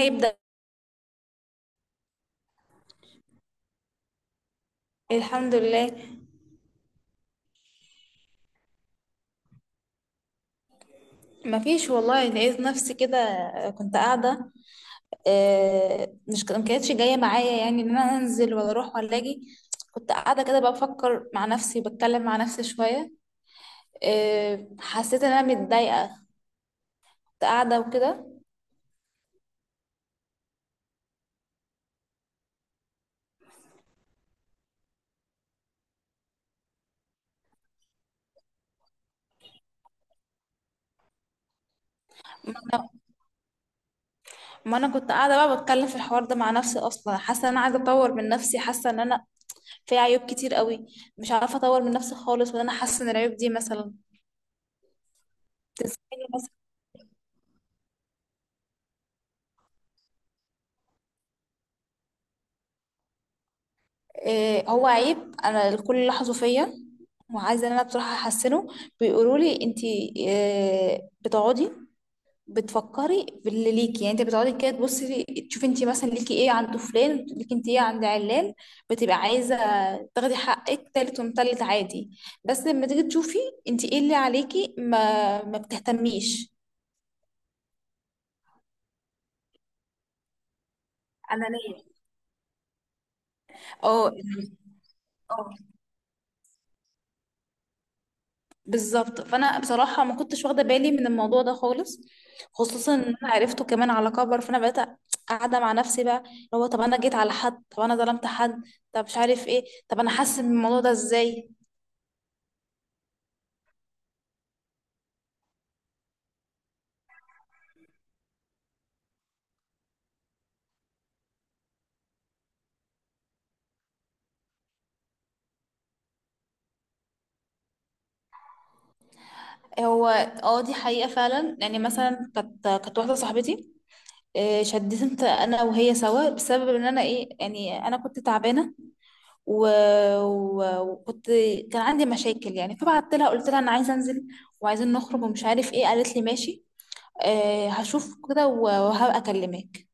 هيبدأ. الحمد لله. مفيش والله، لقيت نفسي كده. كنت قاعدة. مش ما كانتش جاية معايا، يعني ان انا انزل ولا اروح ولا اجي. كنت قاعدة كده بقى، بفكر مع نفسي، بتكلم مع نفسي شوية. حسيت ان انا متضايقة. كنت قاعدة وكده. ما انا كنت قاعدة بقى بتكلم في الحوار ده مع نفسي، اصلا حاسة ان انا عايزة اطور من نفسي، حاسة ان انا في عيوب كتير قوي. مش عارفة اطور من نفسي خالص، وان انا حاسة ان العيوب دي مثلا تنصحيني. إيه هو عيب انا الكل لاحظه فيا، وعايزه ان انا بصراحه احسنه. بيقولوا لي: انت إيه بتقعدي بتفكري باللي ليكي؟ يعني انت بتقعدي كده تبصي تشوفي انت مثلا ليكي ايه عند فلان، ليكي انت ايه عند علان. بتبقى عايزه تاخدي حقك تالت ومتلت عادي، بس لما تيجي تشوفي انت ايه اللي عليكي ما بتهتميش. انانيه. اه، بالظبط، فانا بصراحه ما كنتش واخده بالي من الموضوع ده خالص. خصوصا ان انا عرفته كمان على كبر، فانا بقيت قاعده مع نفسي بقى، اللي هو طب انا جيت على حد؟ طب انا ظلمت حد؟ طب مش عارف ايه، طب انا حاسه من الموضوع ده ازاي؟ هو، اه، دي حقيقه فعلا، يعني مثلا كانت واحده صاحبتي. شديت انا وهي سوا بسبب ان انا، ايه يعني، انا كنت تعبانه، و... وكنت كان عندي مشاكل يعني، فبعت لها قلت لها انا عايزه انزل وعايزين نخرج ومش عارف ايه، قالت لي ماشي، هشوف كده وهبقى اكلمك.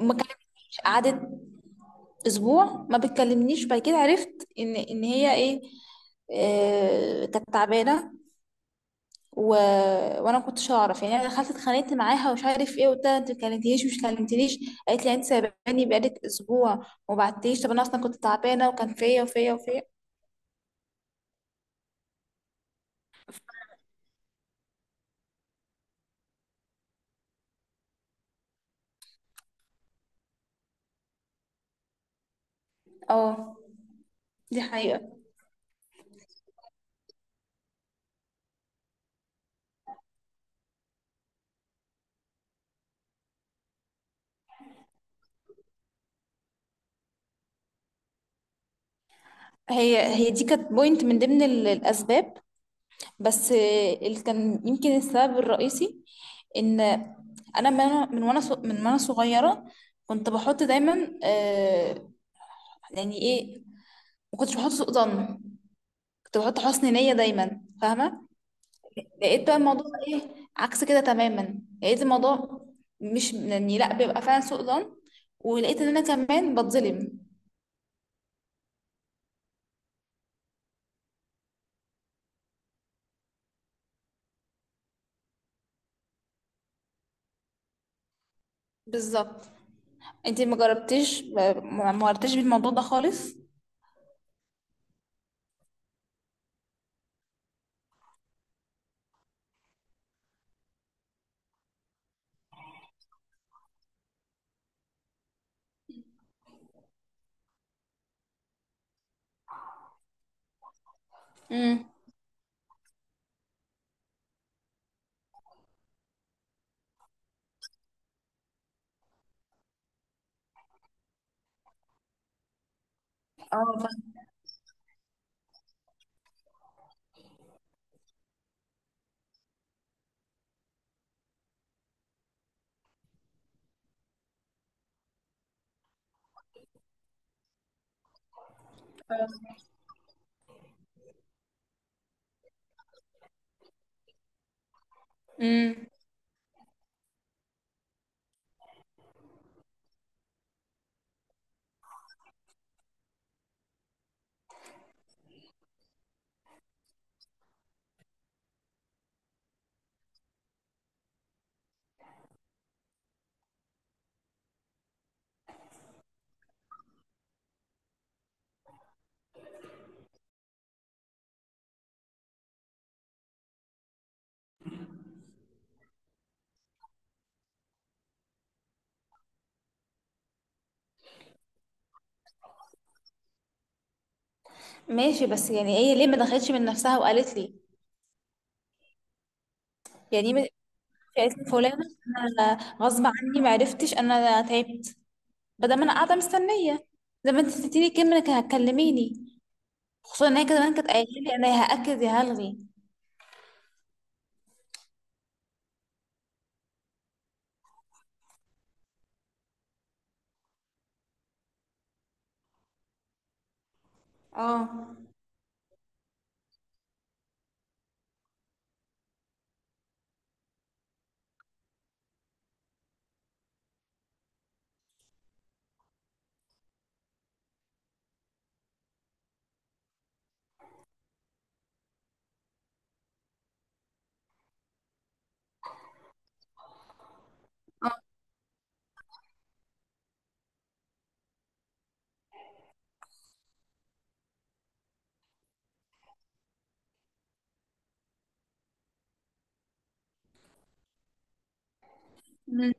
ما كلمتنيش، قعدت اسبوع ما بتكلمنيش، بعد كده عرفت ان هي ايه، كانت تعبانه، و... وانا ما كنتش اعرف، يعني انا دخلت اتخانقت معاها ومش عارف ايه، قلت لها انت ما كلمتنيش مش كلمتنيش. قالت لي يعني انت سايباني بقالك اسبوع وما بعتليش، طب انا اصلا كنت تعبانه وكان فيا وفيا وفيا. اه، دي حقيقه. هي دي كانت بوينت من ضمن الاسباب، بس اللي كان يمكن السبب الرئيسي ان انا من من من وانا صغيره كنت بحط دايما، يعني ايه، ما كنتش بحط سوء ظن، كنت بحط حسن نيه دايما، فاهمه. لقيت بقى الموضوع ايه، عكس كده تماما، لقيت الموضوع مش يعني، لا، بيبقى فعلا سوء ظن، ولقيت ان انا كمان بتظلم. بالظبط. انتي ما جربتيش، ما مرتيش بالموضوع ده خالص؟ امم. اه، فاهمة. امم. ماشي، بس يعني هي ليه ما دخلتش من نفسها وقالت لي؟ يعني ما- قالت لي: فلانة، انا غصب عني، ما عرفتش، انا تعبت، بدل ما انا قاعدة مستنية زي ما انت اديتيني كلمة انك هتكلميني. خصوصا ان هي كمان كانت قايلة لي: انا يا هأكد يا هلغي. اه. مم.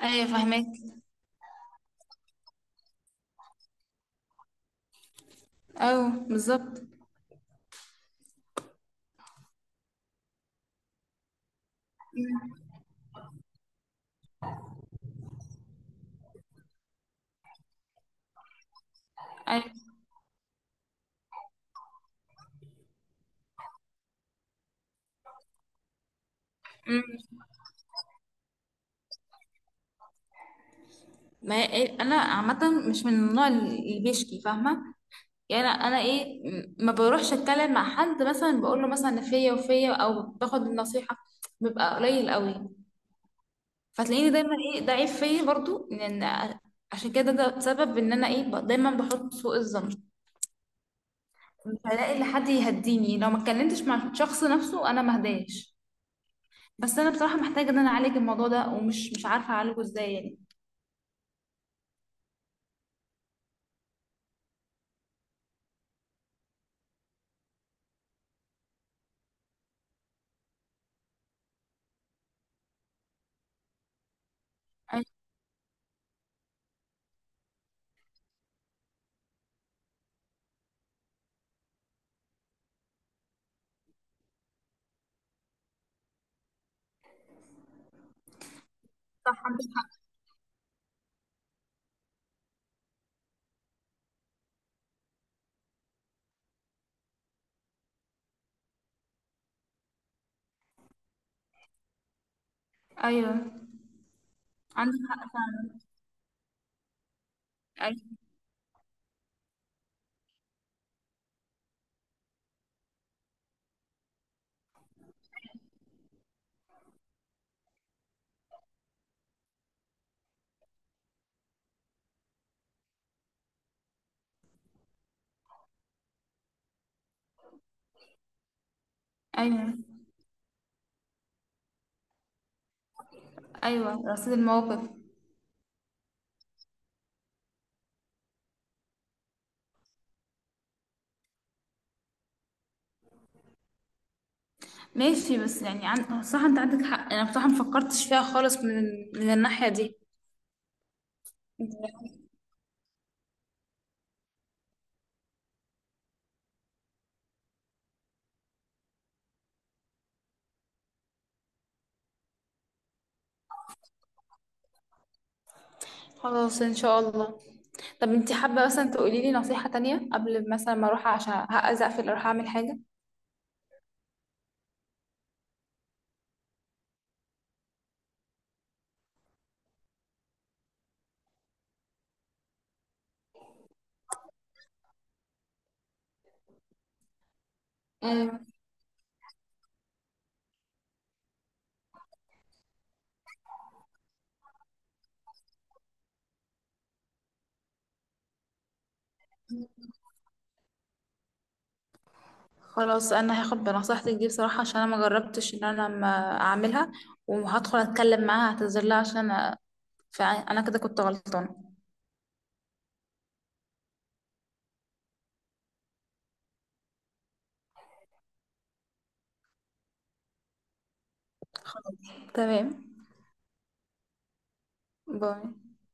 ايوه، فاهمك. ايوه بالظبط. أيوة. مم. ما هي- إيه، انا عامة مش من النوع اللي بيشكي، فاهمة. يعني انا ما بروحش اتكلم مع حد، مثلا بقول له مثلا فيا وفيا، او باخد النصيحه، بيبقى قليل قوي. فتلاقيني دايما ده عيب فيا برضو، لان عشان كده، ده سبب ان انا دايما بحط سوء الظن. مش هلاقي لحد يهديني، لو ما اتكلمتش مع الشخص نفسه انا ما اهداش. بس انا بصراحه محتاجه ان انا اعالج الموضوع ده، ومش مش عارفه اعالجه ازاي يعني. أي- ايوه، عندك حق فعلا. أي- ايوه. ايوه، رصيد المواقف. ماشي، بس يعني صح، انت عندك حق، انا بصراحة مفكرتش فيها خالص من الناحية دي. خلاص، ان شاء الله. طب انت حابة مثلا تقولي لي نصيحة تانية قبل مثلا ما اروح، عشان هقز اقفل اروح اعمل حاجة؟ ايوه، خلاص، انا هاخد بنصيحتك دي بصراحة، عشان انا ما جربتش ان انا ما اعملها، وهدخل اتكلم معاها اعتذر لها عشان فانا كده كنت غلطانة. تمام. باي.